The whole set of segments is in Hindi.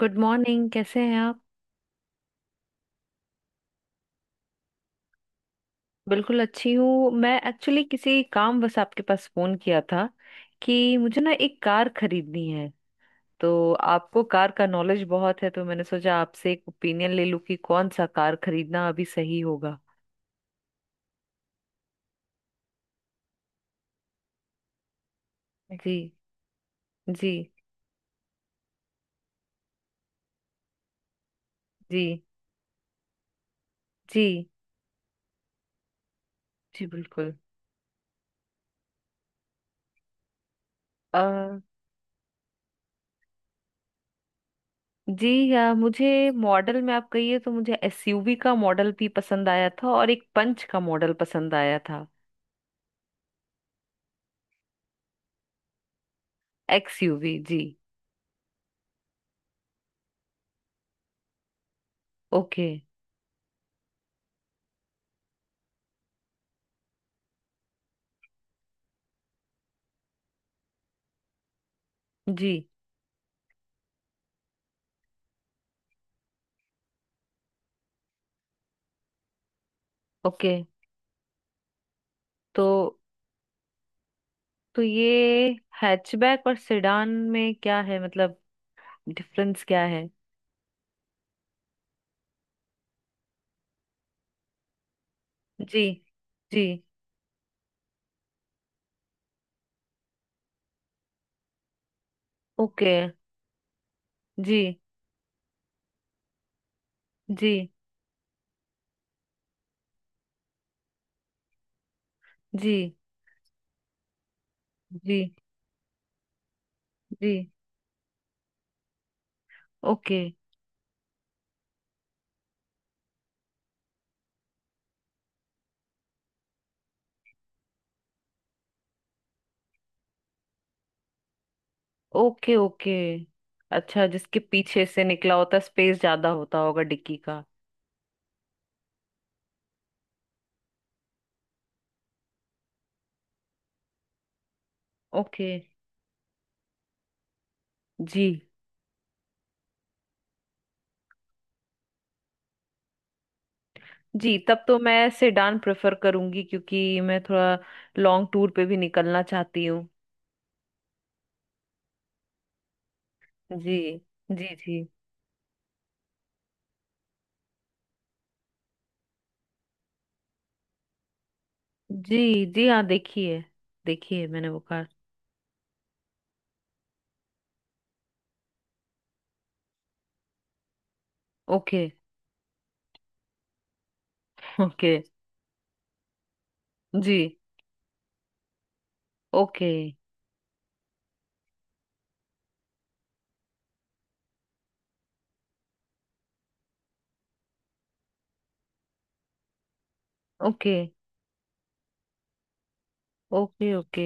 गुड मॉर्निंग, कैसे हैं आप? बिल्कुल अच्छी हूँ। मैं एक्चुअली किसी काम बस आपके पास फोन किया था कि मुझे ना एक कार खरीदनी है। तो आपको कार का नॉलेज बहुत है, तो मैंने सोचा आपसे एक ओपिनियन ले लूँ कि कौन सा कार खरीदना अभी सही होगा। जी। जी। जी। जी। जी बिल्कुल। अ जी, मुझे मॉडल में आप कहिए तो मुझे एसयूवी का मॉडल भी पसंद आया था, और एक पंच का मॉडल पसंद आया था। एक्सयूवी जी। ओके। जी। ओके। तो तो ये हैचबैक और सेडान में क्या है, मतलब डिफरेंस क्या है? जी। जी। ओके। जी। जी। जी। जी। जी। ओके। ओके। ओके। अच्छा, जिसके पीछे से निकला होता स्पेस ज्यादा होता होगा डिक्की का। ओके। जी। जी, तब तो मैं सेडान प्रेफर करूंगी क्योंकि मैं थोड़ा लॉन्ग टूर पे भी निकलना चाहती हूँ। जी। जी। जी। जी। जी हाँ देखिए। देखिए, मैंने वो कार। ओके। ओके। जी। ओके। ओके। ओके। ओके।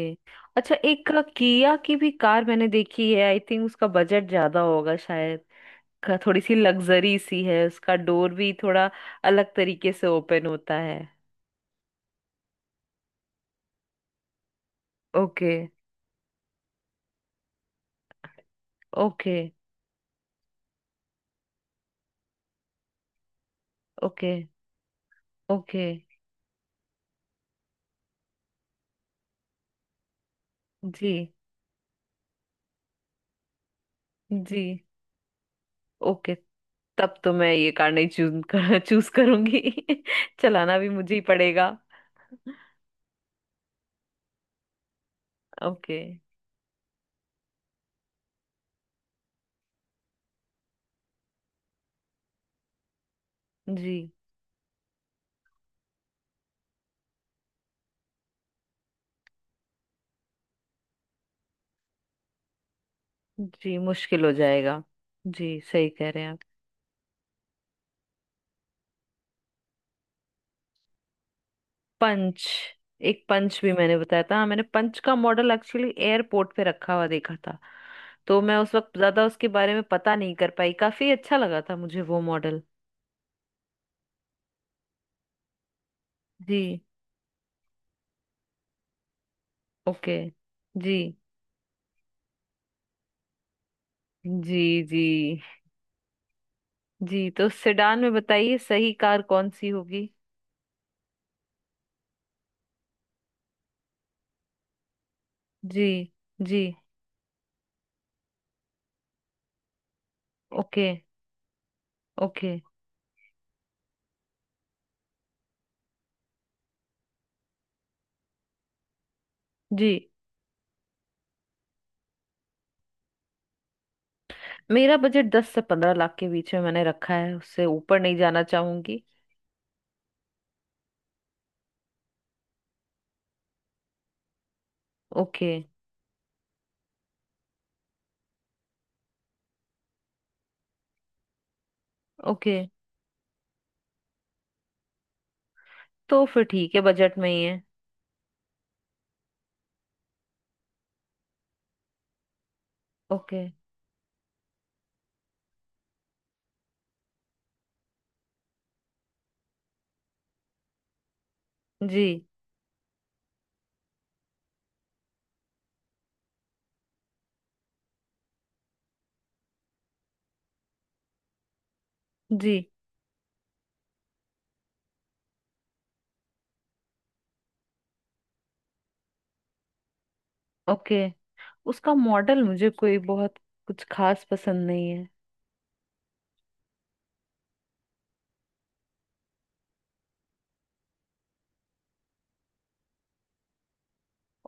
अच्छा, एक किया की भी कार मैंने देखी है, आई थिंक उसका बजट ज्यादा होगा शायद। थोड़ी सी लग्जरी सी है, उसका डोर भी थोड़ा अलग तरीके से ओपन होता है। ओके। ओके। ओके। ओके। जी। जी। ओके। तब तो मैं ये कार नहीं चूज करूंगी। चलाना भी मुझे ही पड़ेगा। ओके। जी। जी, मुश्किल हो जाएगा। जी, सही कह रहे हैं आप। पंच। एक पंच भी मैंने बताया था। हाँ, मैंने पंच का मॉडल एक्चुअली एयरपोर्ट पे रखा हुआ देखा था। तो मैं उस वक्त ज्यादा उसके बारे में पता नहीं कर पाई, काफी अच्छा लगा था मुझे वो मॉडल। जी। ओके। जी। जी। जी। जी, तो सेडान में बताइए सही कार कौन सी होगी? जी। जी। ओके। ओके। जी। मेरा बजट 10 से 15 लाख के बीच में मैंने रखा है, उससे ऊपर नहीं जाना चाहूंगी। ओके। ओके, तो फिर ठीक है, बजट में ही है। ओके। जी। जी। ओके। उसका मॉडल मुझे कोई बहुत कुछ खास पसंद नहीं है।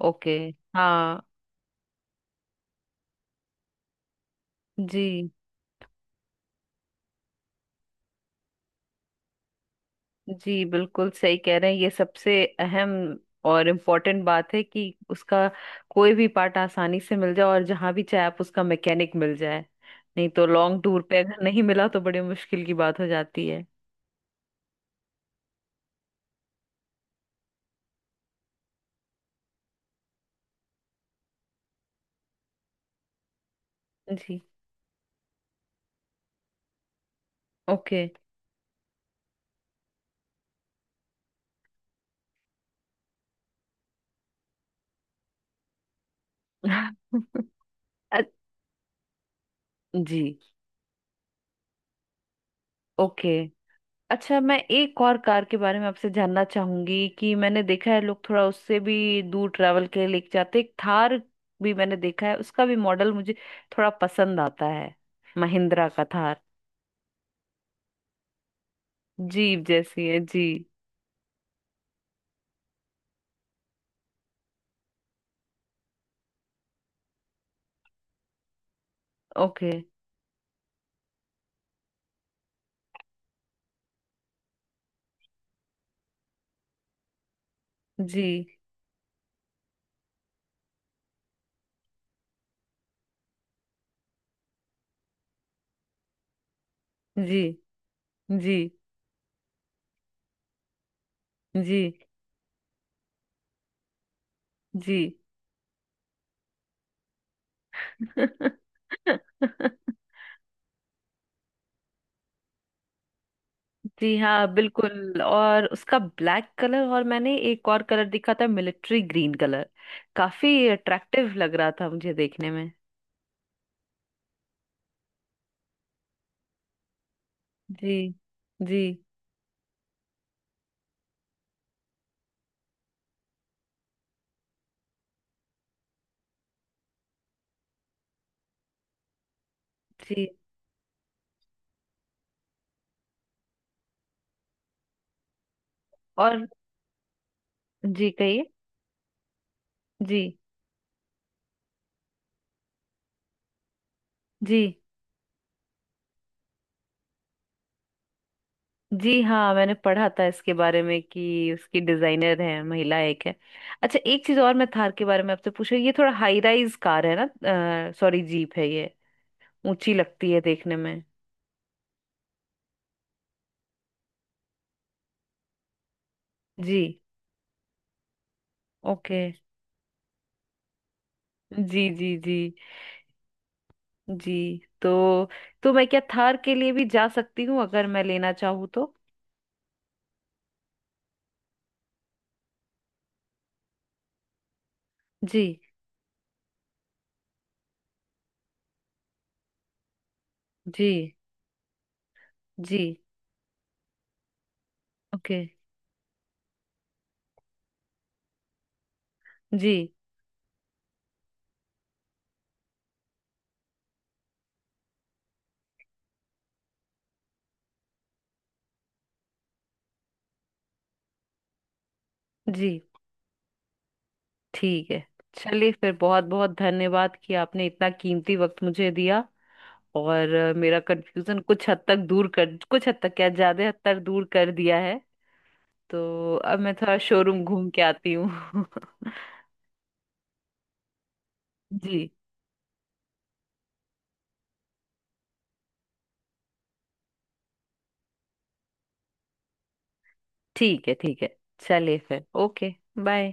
ओके। हाँ। जी। जी बिल्कुल सही कह रहे हैं, ये सबसे अहम और इम्पोर्टेंट बात है कि उसका कोई भी पार्ट आसानी से मिल जाए और जहाँ भी चाहे आप उसका मैकेनिक मिल जाए, नहीं तो लॉन्ग टूर पे अगर नहीं मिला तो बड़ी मुश्किल की बात हो जाती है। जी। ओके। अ- जी। ओके। अच्छा, मैं एक और कार के बारे में आपसे जानना चाहूंगी कि मैंने देखा है लोग थोड़ा उससे भी दूर ट्रैवल के लिए लेके जाते, एक थार भी मैंने देखा है। उसका भी मॉडल मुझे थोड़ा पसंद आता है। महिंद्रा का थार। जीप जैसी है जी। ओके। जी। जी। जी। जी। जी। जी हाँ बिल्कुल, और उसका ब्लैक कलर, और मैंने एक और कलर दिखा था मिलिट्री ग्रीन कलर, काफी अट्रैक्टिव लग रहा था मुझे देखने में। जी। जी। जी। और जी कहिए। जी। जी। जी हाँ, मैंने पढ़ा था इसके बारे में कि उसकी डिजाइनर है, महिला एक है। अच्छा, एक चीज और मैं थार के बारे में आपसे पूछूं, ये थोड़ा हाई राइज कार है ना? सॉरी, जीप है ये। ऊंची लगती है देखने में। जी। ओके। जी। जी। जी। जी, तो मैं क्या थार के लिए भी जा सकती हूँ अगर मैं लेना चाहूँ तो? जी। जी। जी। ओके। जी। जी। ठीक है। चलिए फिर, बहुत बहुत धन्यवाद कि आपने इतना कीमती वक्त मुझे दिया, और मेरा कंफ्यूजन कुछ हद तक दूर कर कुछ हद तक क्या, ज्यादा हद तक दूर कर दिया है। तो अब मैं थोड़ा शोरूम घूम के आती हूँ। जी। ठीक है। ठीक है, चलिए फिर। ओके। बाय।